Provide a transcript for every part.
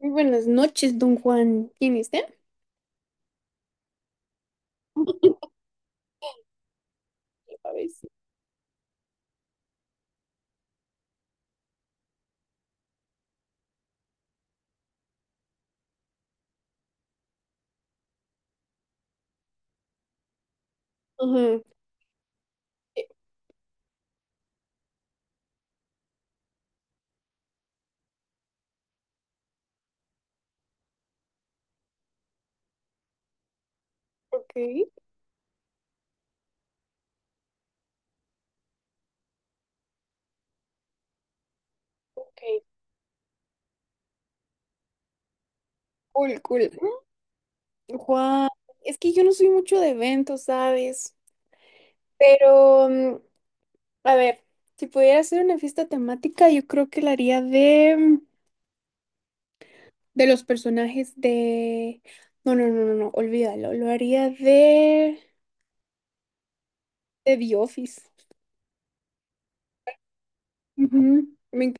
Muy buenas noches, don Juan. ¿Quién es está? A ver si- Ajá. Eh, Ok, ok. Cool, cool. Juan, es que yo no soy mucho de eventos, ¿sabes? Pero, a ver, si pudiera hacer una fiesta temática, yo creo que la haría de los personajes de... No, no, no, no, no, olvídalo. Lo haría de The Office. Ujú. Me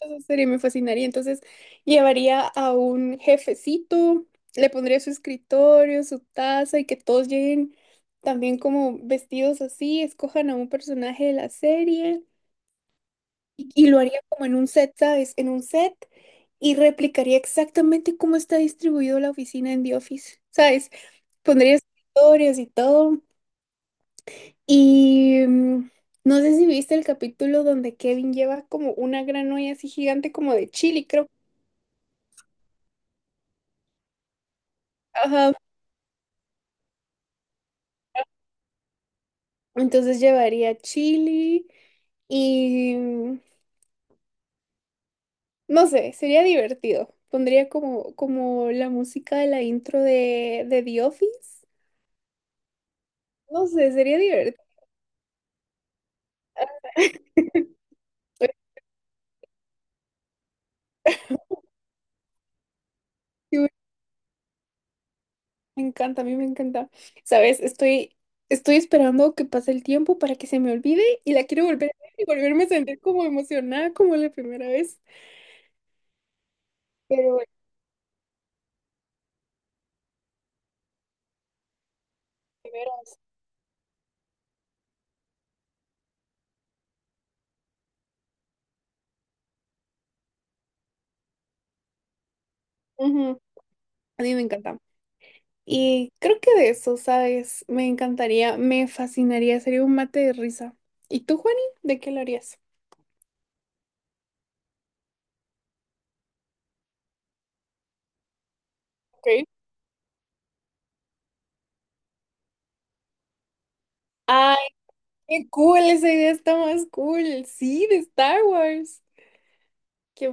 Esa serie me fascinaría. Entonces, llevaría a un jefecito, le pondría su escritorio, su taza y que todos lleguen también como vestidos así, escojan a un personaje de la serie y lo haría como en un set, ¿sabes? En un set y replicaría exactamente cómo está distribuido la oficina en The Office, ¿sabes? Pondría escritorios y todo. Y no sé si viste el capítulo donde Kevin lleva como una gran olla así gigante como de chili, creo. Ajá, entonces llevaría chili y no sé, sería divertido. Pondría como, como la música de la intro de The Office. No sé, sería divertido. Ay, Sí, güey, me encanta, a mí me encanta. ¿Sabes? Estoy, estoy esperando que pase el tiempo para que se me olvide y la quiero volver a ver y volverme a sentir como emocionada como la primera vez. Pero la primera. Ujú, a mí me encanta. Y creo que de eso, ¿sabes? Me encantaría, me fascinaría, sería un mate de risa. ¿Y tú, Juani? ¿De qué lo harías? Ok. ¡Ay, qué cool! Esa idea está más cool. Sí, de Star Wars. Qué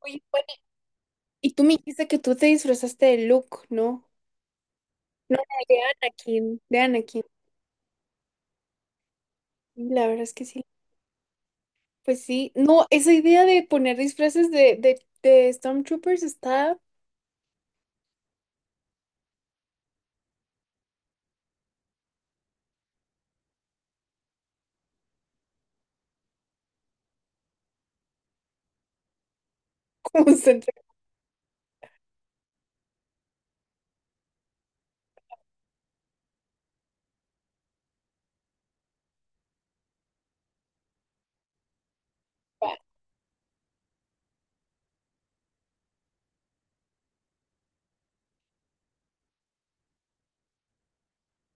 Oye, Juani, y tú me dijiste que tú te disfrazaste de Luke, ¿no? No, de Anakin, de Anakin. Sí, la verdad es que sí. Pues sí. No, esa idea de poner disfraces de Stormtroopers está como central.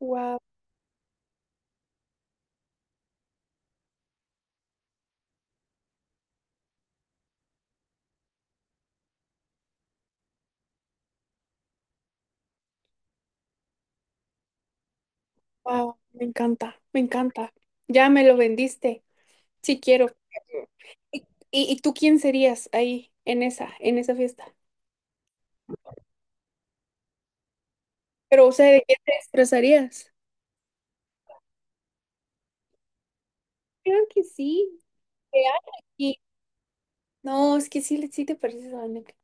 Wow, wow. Me encanta, me encanta. Ya me lo vendiste. Sí quiero. ¿Y, y tú quién serías ahí en esa fiesta? Pero, o sea, ¿de qué te disfrazarías? Claro que sí, de Anakin. No, es que sí, le- sí te pareces a Anakin.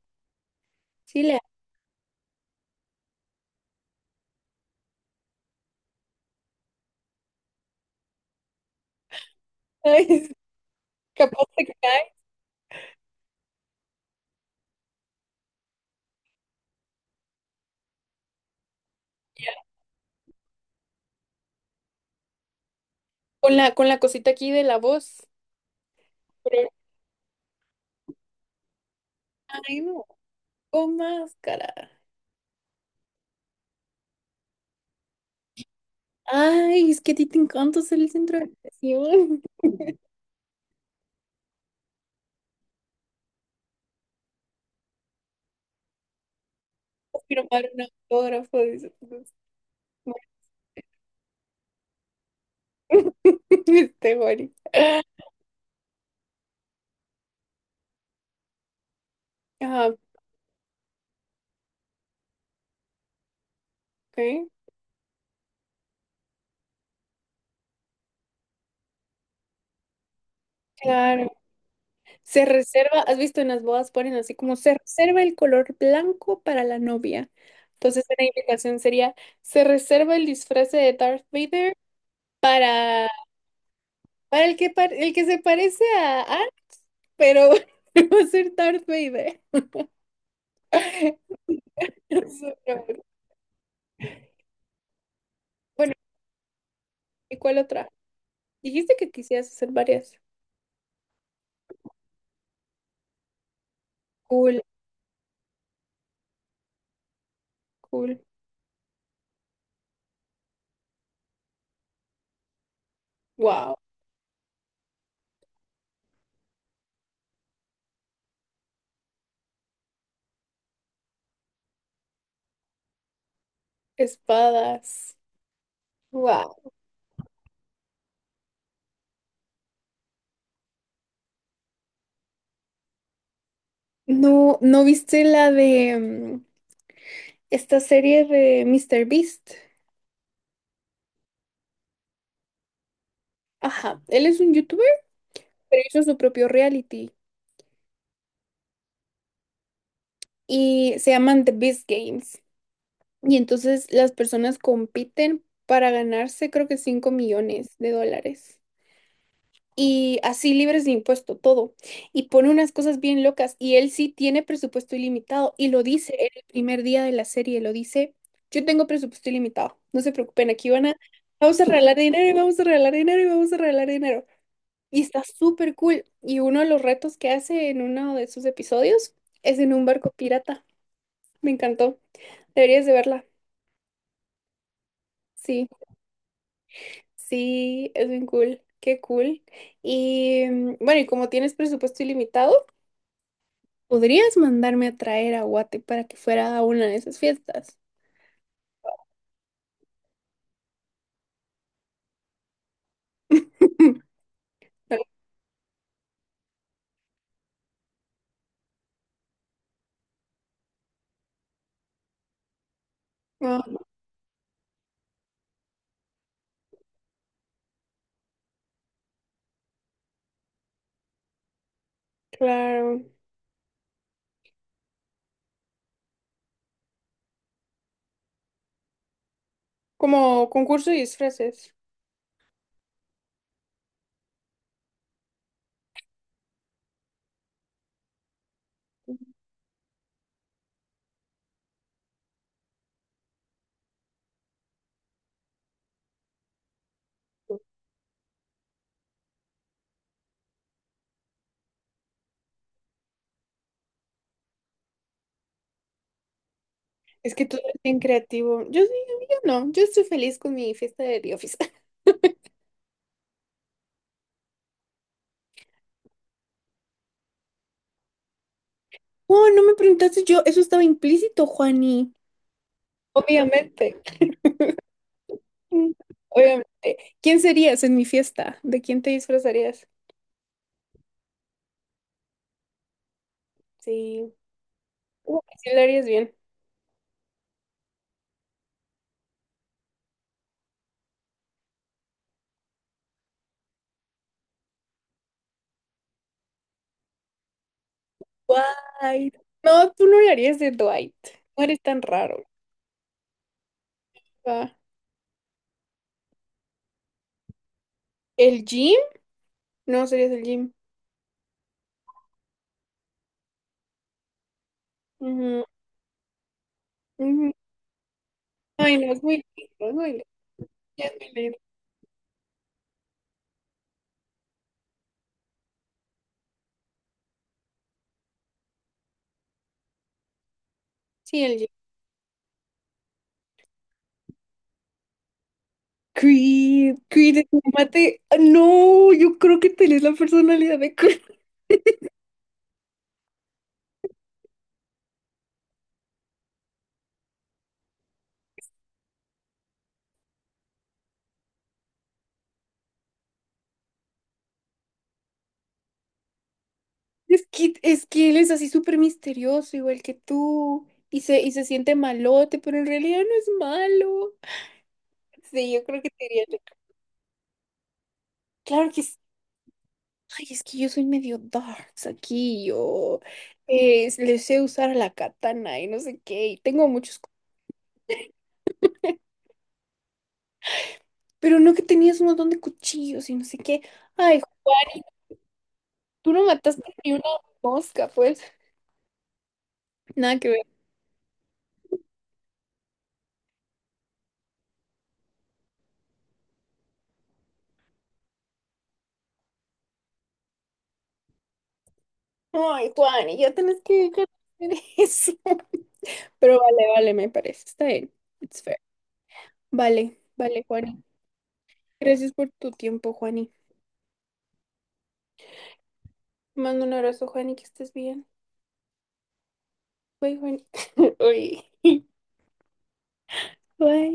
Sí le haces. Capaz te cae. Con la cosita aquí de la voz. Pero, ay, no, con máscara. Ay, es que a ti te encanta ser el centro de atención. Firmar un autógrafo. Dice, este, Juani. Ajá, ok. Claro. Se reserva, has visto en las bodas ponen así como se reserva el color blanco para la novia. Entonces, la indicación sería, se reserva el disfraz de Darth Vader para, para el que, par- el que se parece a Ant, pero va a ser Darth Vader. Bueno, ¿y cuál otra? Dijiste que quisieras hacer varias. Cool, cool. Wow, espadas. Wow. No, ¿no viste la de esta serie de Mr. Beast? Ajá, él es un youtuber, pero hizo su propio reality y se llaman The Beast Games. Y entonces las personas compiten para ganarse creo que 5 millones de dólares. Y así libres de impuesto, todo. Y pone unas cosas bien locas. Y él sí tiene presupuesto ilimitado. Y lo dice en el primer día de la serie, lo dice, yo tengo presupuesto ilimitado. No se preocupen, aquí van a, vamos a regalar dinero y vamos a regalar dinero y vamos a regalar dinero. Y está súper cool. Y uno de los retos que hace en uno de sus episodios es en un barco pirata. Me encantó. Deberías de verla. Sí, sí, es bien cool. Qué cool. Y bueno, y como tienes presupuesto ilimitado, podrías mandarme a traer a Guate para que fuera a una de esas fiestas. Vale. Ah, claro. Como concurso y disfraces. Es que tú eres bien creativo. Yo sí, yo no. Yo estoy feliz con mi fiesta de The Office. Oh, no me preguntaste yo, eso estaba implícito, Juani. Obviamente, mm, obviamente. ¿Quién serías en mi fiesta? ¿De quién te disfrazarías? Sí, uh, sí lo harías bien. Dwight. No, tú no lo harías de Dwight. No eres tan raro. Ah, ¿el Jim? No, serías el Jim. Ujú, ujú. Ay, no, es muy lindo, es muy lindo. Ya es muy lindo. Sí, el gym. Creed, Creed, mate. Ah, no, yo creo que tenés la personalidad de Creed. Es que él es así súper misterioso, igual que tú, y se siente malote, pero en realidad no es malo. Sí, yo creo que te diría, claro que sí. Ay, es que yo soy medio darks aquí, yo le sé usar la katana y no sé qué, y tengo muchos, cu- pero no que tenías un montón de cuchillos y no sé qué. Ay, Ju- tú no mataste ni una mosca, pues, nada que ver. Ay, Juan, y ya tenés que dejar de hacer eso. Pero vale, vale, me parece, está bien. It's fair. Vale, vale, Juani. Gracias por tu tiempo, Juani. Te mando un abrazo, Juani, que estés bien. Bye, Juani. Bye. Bye.